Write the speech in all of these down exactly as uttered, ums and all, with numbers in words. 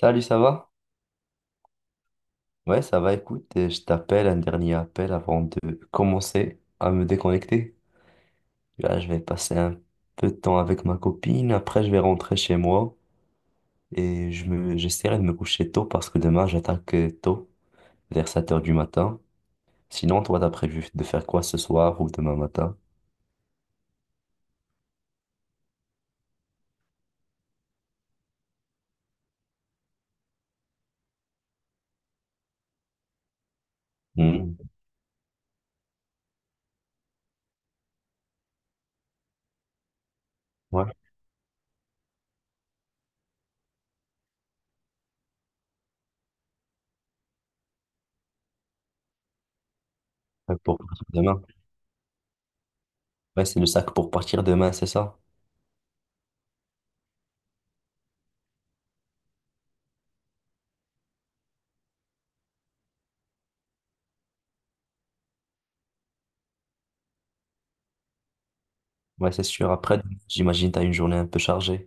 Salut, ça va? Ouais, ça va, écoute, euh, je t'appelle un dernier appel avant de commencer à me déconnecter. Là, je vais passer un peu de temps avec ma copine, après je vais rentrer chez moi et je me, j'essaierai de me coucher tôt parce que demain j'attaque euh, tôt, vers sept heures du matin. Sinon, toi, t'as prévu de faire quoi ce soir ou demain matin? Hmm. Ouais, ouais, pour partir demain. Ouais, c'est le sac pour partir demain, c'est ça? Ouais, c'est sûr. Après, j'imagine t'as une journée un peu chargée.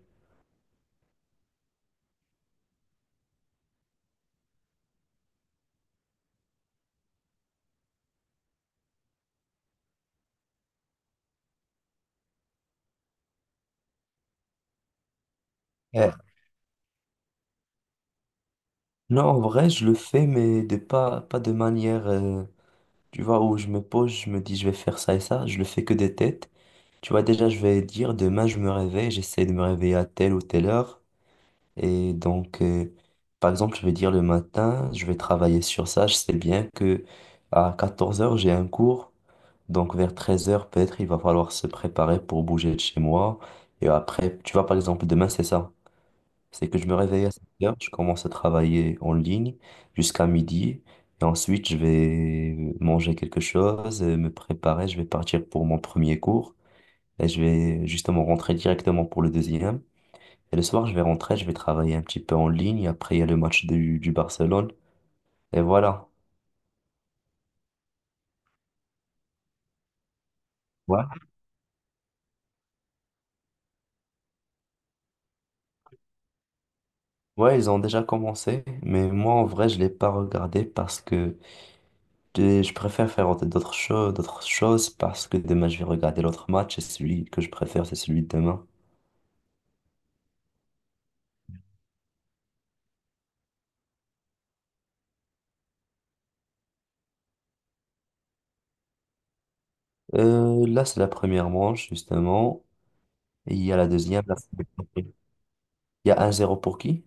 Ouais. Non, en vrai, je le fais, mais de pas, pas de manière, euh, tu vois, où je me pose, je me dis, je vais faire ça et ça. Je le fais que des têtes. Tu vois, déjà, je vais dire, demain, je me réveille, j'essaie de me réveiller à telle ou telle heure. Et donc, euh, par exemple, je vais dire le matin, je vais travailler sur ça. Je sais bien que à quatorze heures, j'ai un cours. Donc vers treize heures peut-être, il va falloir se préparer pour bouger de chez moi. Et après, tu vois, par exemple, demain, c'est ça. C'est que je me réveille à sept heures, je commence à travailler en ligne jusqu'à midi. Et ensuite, je vais manger quelque chose, euh, me préparer. Je vais partir pour mon premier cours. Et je vais justement rentrer directement pour le deuxième. Et le soir, je vais rentrer, je vais travailler un petit peu en ligne. Après, il y a le match du, du Barcelone. Et voilà. Ouais. Ouais, ils ont déjà commencé. Mais moi, en vrai, je l'ai pas regardé parce que je je préfère faire autre- d'autres choses, d'autres choses parce que demain, je vais regarder l'autre match. Et celui que je préfère, c'est celui de demain. Euh, là, c'est la première manche, justement. Il y a la deuxième. la- Il y a un zéro pour qui?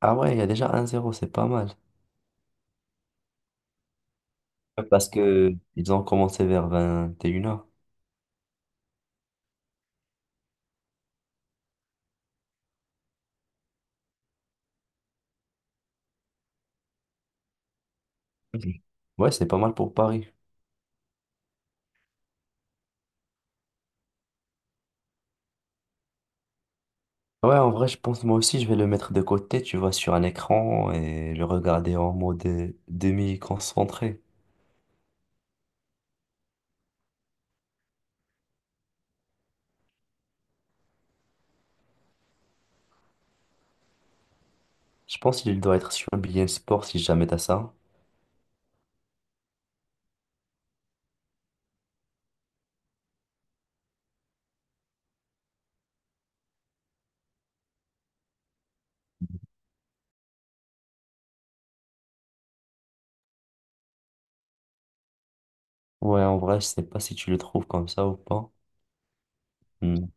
Ah ouais, il y a déjà un zéro, c'est pas mal. Parce que ils ont commencé vers vingt et une heures. Ouais, c'est pas mal pour Paris. Ouais, en vrai, je pense moi aussi, je vais le mettre de côté, tu vois, sur un écran et le regarder en mode euh, demi-concentré. Je pense qu'il doit être sur BeIN Sport si jamais t'as ça. Ouais, en vrai, je sais pas si tu le trouves comme ça ou pas. Hmm.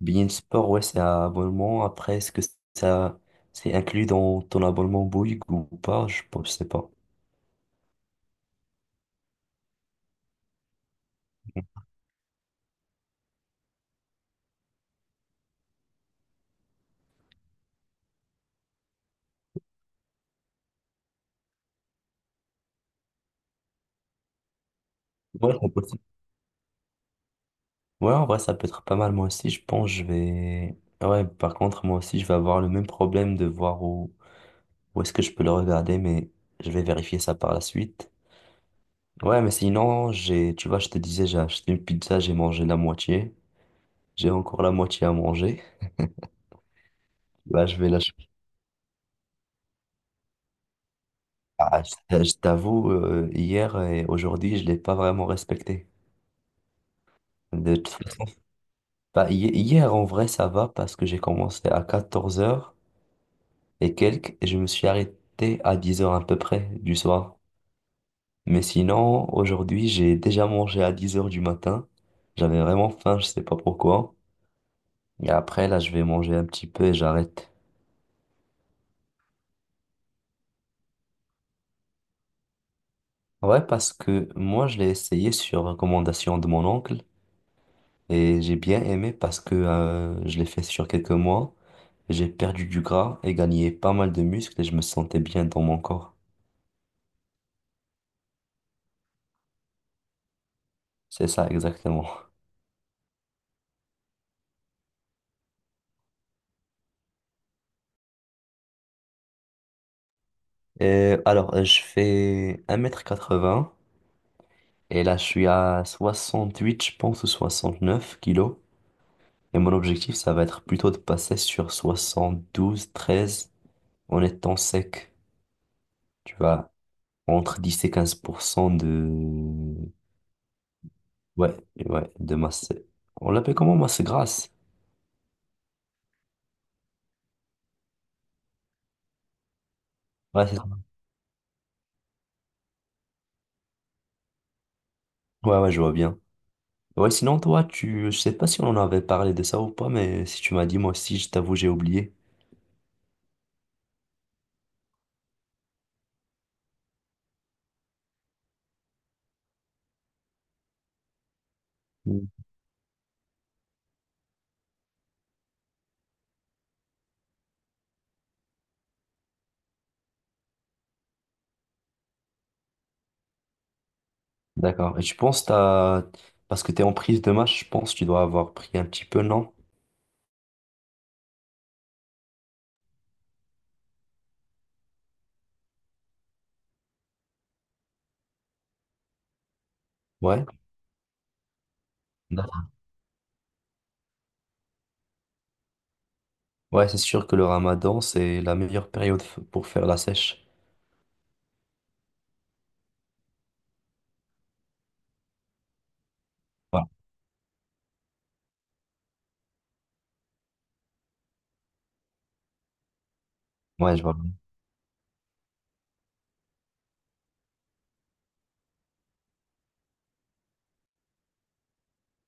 Bein Sport, ouais, c'est un abonnement. Après, est-ce que ça, c'est inclus dans ton abonnement Bouygues ou pas? Je pense, je sais pas. Ouais, c'est possible. Ouais, en vrai, ça peut être pas mal. Moi aussi, je pense, je vais. Ouais, par contre, moi aussi, je vais avoir le même problème de voir où, où est-ce que je peux le regarder, mais je vais vérifier ça par la suite. Ouais, mais sinon, j'ai, tu vois, je te disais, j'ai acheté une pizza, j'ai mangé la moitié. J'ai encore la moitié à manger. Là, je vais la... Ah, je je t'avoue, euh, hier et aujourd'hui, je l'ai pas vraiment respecté. De toute façon, bah, hi- hier, en vrai, ça va parce que j'ai commencé à quatorze heures et quelques et je me suis arrêté à dix heures à peu près du soir. Mais sinon, aujourd'hui, j'ai déjà mangé à dix heures du matin. J'avais vraiment faim, je sais pas pourquoi. Et après, là, je vais manger un petit peu et j'arrête. Ouais, parce que moi, je l'ai essayé sur recommandation de mon oncle et j'ai bien aimé parce que euh, je l'ai fait sur quelques mois. J'ai perdu du gras et gagné pas mal de muscles et je me sentais bien dans mon corps. C'est ça, exactement. Et alors, euh, je fais un mètre quatre quatre-vingts et là, je suis à soixante-huit je pense, ou soixante-neuf kilos. Et mon objectif, ça va être plutôt de passer sur soixante-douze, treize en étant sec. Tu vois, entre dix et quinze pour cent de... Ouais, ouais, de masse. On l'appelle comment, masse grasse? Ouais, c'est ça. Ouais, ouais, je vois bien. Ouais, sinon, toi, tu... Je sais pas si on en avait parlé de ça ou pas, mais si tu m'as dit, moi aussi, je t'avoue, j'ai oublié. D'accord. Et tu penses t'as... Parce que t'es en prise de match, je pense que tu dois avoir pris un petit peu, non? Ouais. D'accord. Ouais, c'est sûr que le ramadan, c'est la meilleure période f- pour faire la sèche. Ouais, ouais, je vois.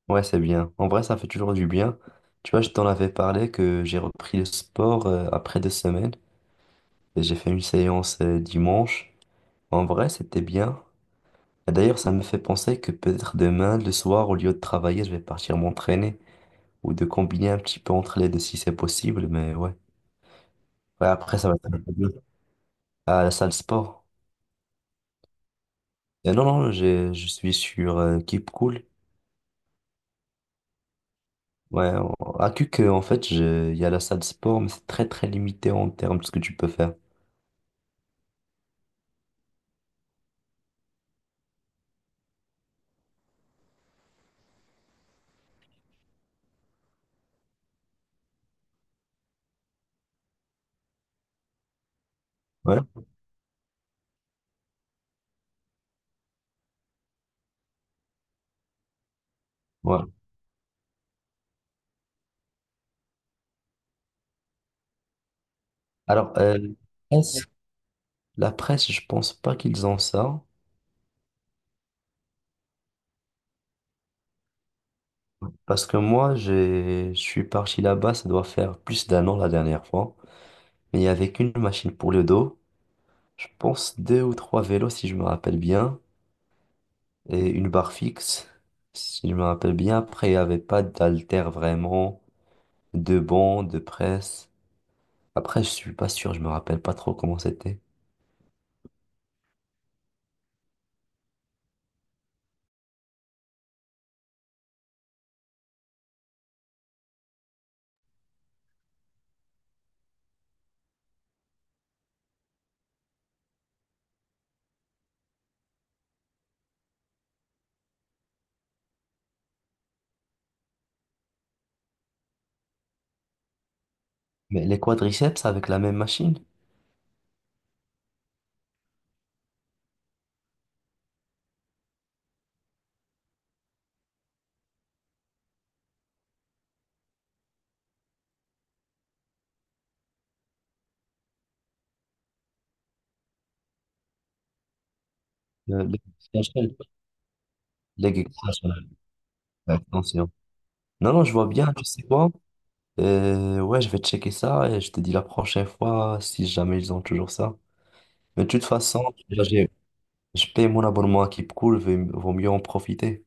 Ouais, c'est bien. En vrai, ça fait toujours du bien. Tu vois, je t'en avais parlé que j'ai repris le sport euh, après deux semaines. Et j'ai fait une séance euh, dimanche. En vrai, c'était bien. Et d'ailleurs, ça me fait penser que peut-être demain, le soir, au lieu de travailler, je vais partir m'entraîner. Ou de combiner un petit peu entre les deux si c'est possible, mais ouais. Ouais, après, ça va être un peu dur. À la salle sport. Et non, non, j'ai- je suis sur euh, Keep Cool. Ouais, on- à CUC, euh, en fait, je- il y a la salle sport, mais c'est très, très limité en termes de ce que tu peux faire. Ouais, ouais. Alors, euh, presse- la presse, je pense pas qu'ils ont ça. Parce que moi, j'ai- je suis parti là-bas, ça doit faire plus d'un an la dernière fois. Mais il n'y avait qu'une machine pour le dos. Je pense deux ou trois vélos, si je me rappelle bien. Et une barre fixe, si je me rappelle bien. Après, il n'y avait pas d'haltère vraiment, de banc, de presse. Après, je suis pas sûr, je me rappelle pas trop comment c'était. Mais les quadriceps avec la même machine? Le- le- la chaîne. Leg extension. Leg extension. Attention. Non, non, je vois bien, tu sais quoi? Et ouais, je vais checker ça et je te dis la prochaine fois si jamais ils ont toujours ça. Mais de toute façon, là, j'ai- je paye mon abonnement à Keep Cool, vaut vaut mieux en profiter.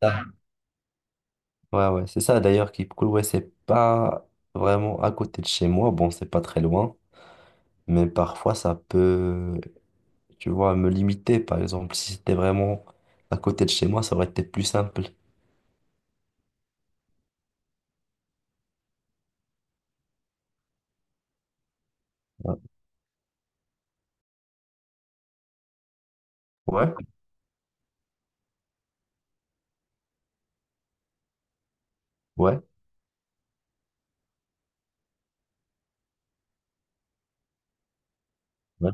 Ah. Ouais, ouais, c'est ça. D'ailleurs, Keep Cool, ouais, c'est pas vraiment à côté de chez moi. Bon, c'est pas très loin, mais parfois ça peut, tu vois, me limiter. Par exemple, si c'était vraiment à côté de chez moi, ça aurait été plus simple. Ouais, ouais, ouais. ouais.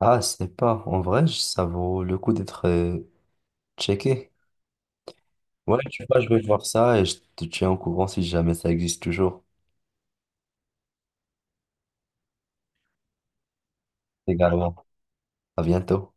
Ah, c'est pas. En vrai, ça vaut le coup d'être euh, checké. Ouais, tu vois, je vais voir ça et je te tiens au courant si jamais ça existe toujours. Également. À bientôt.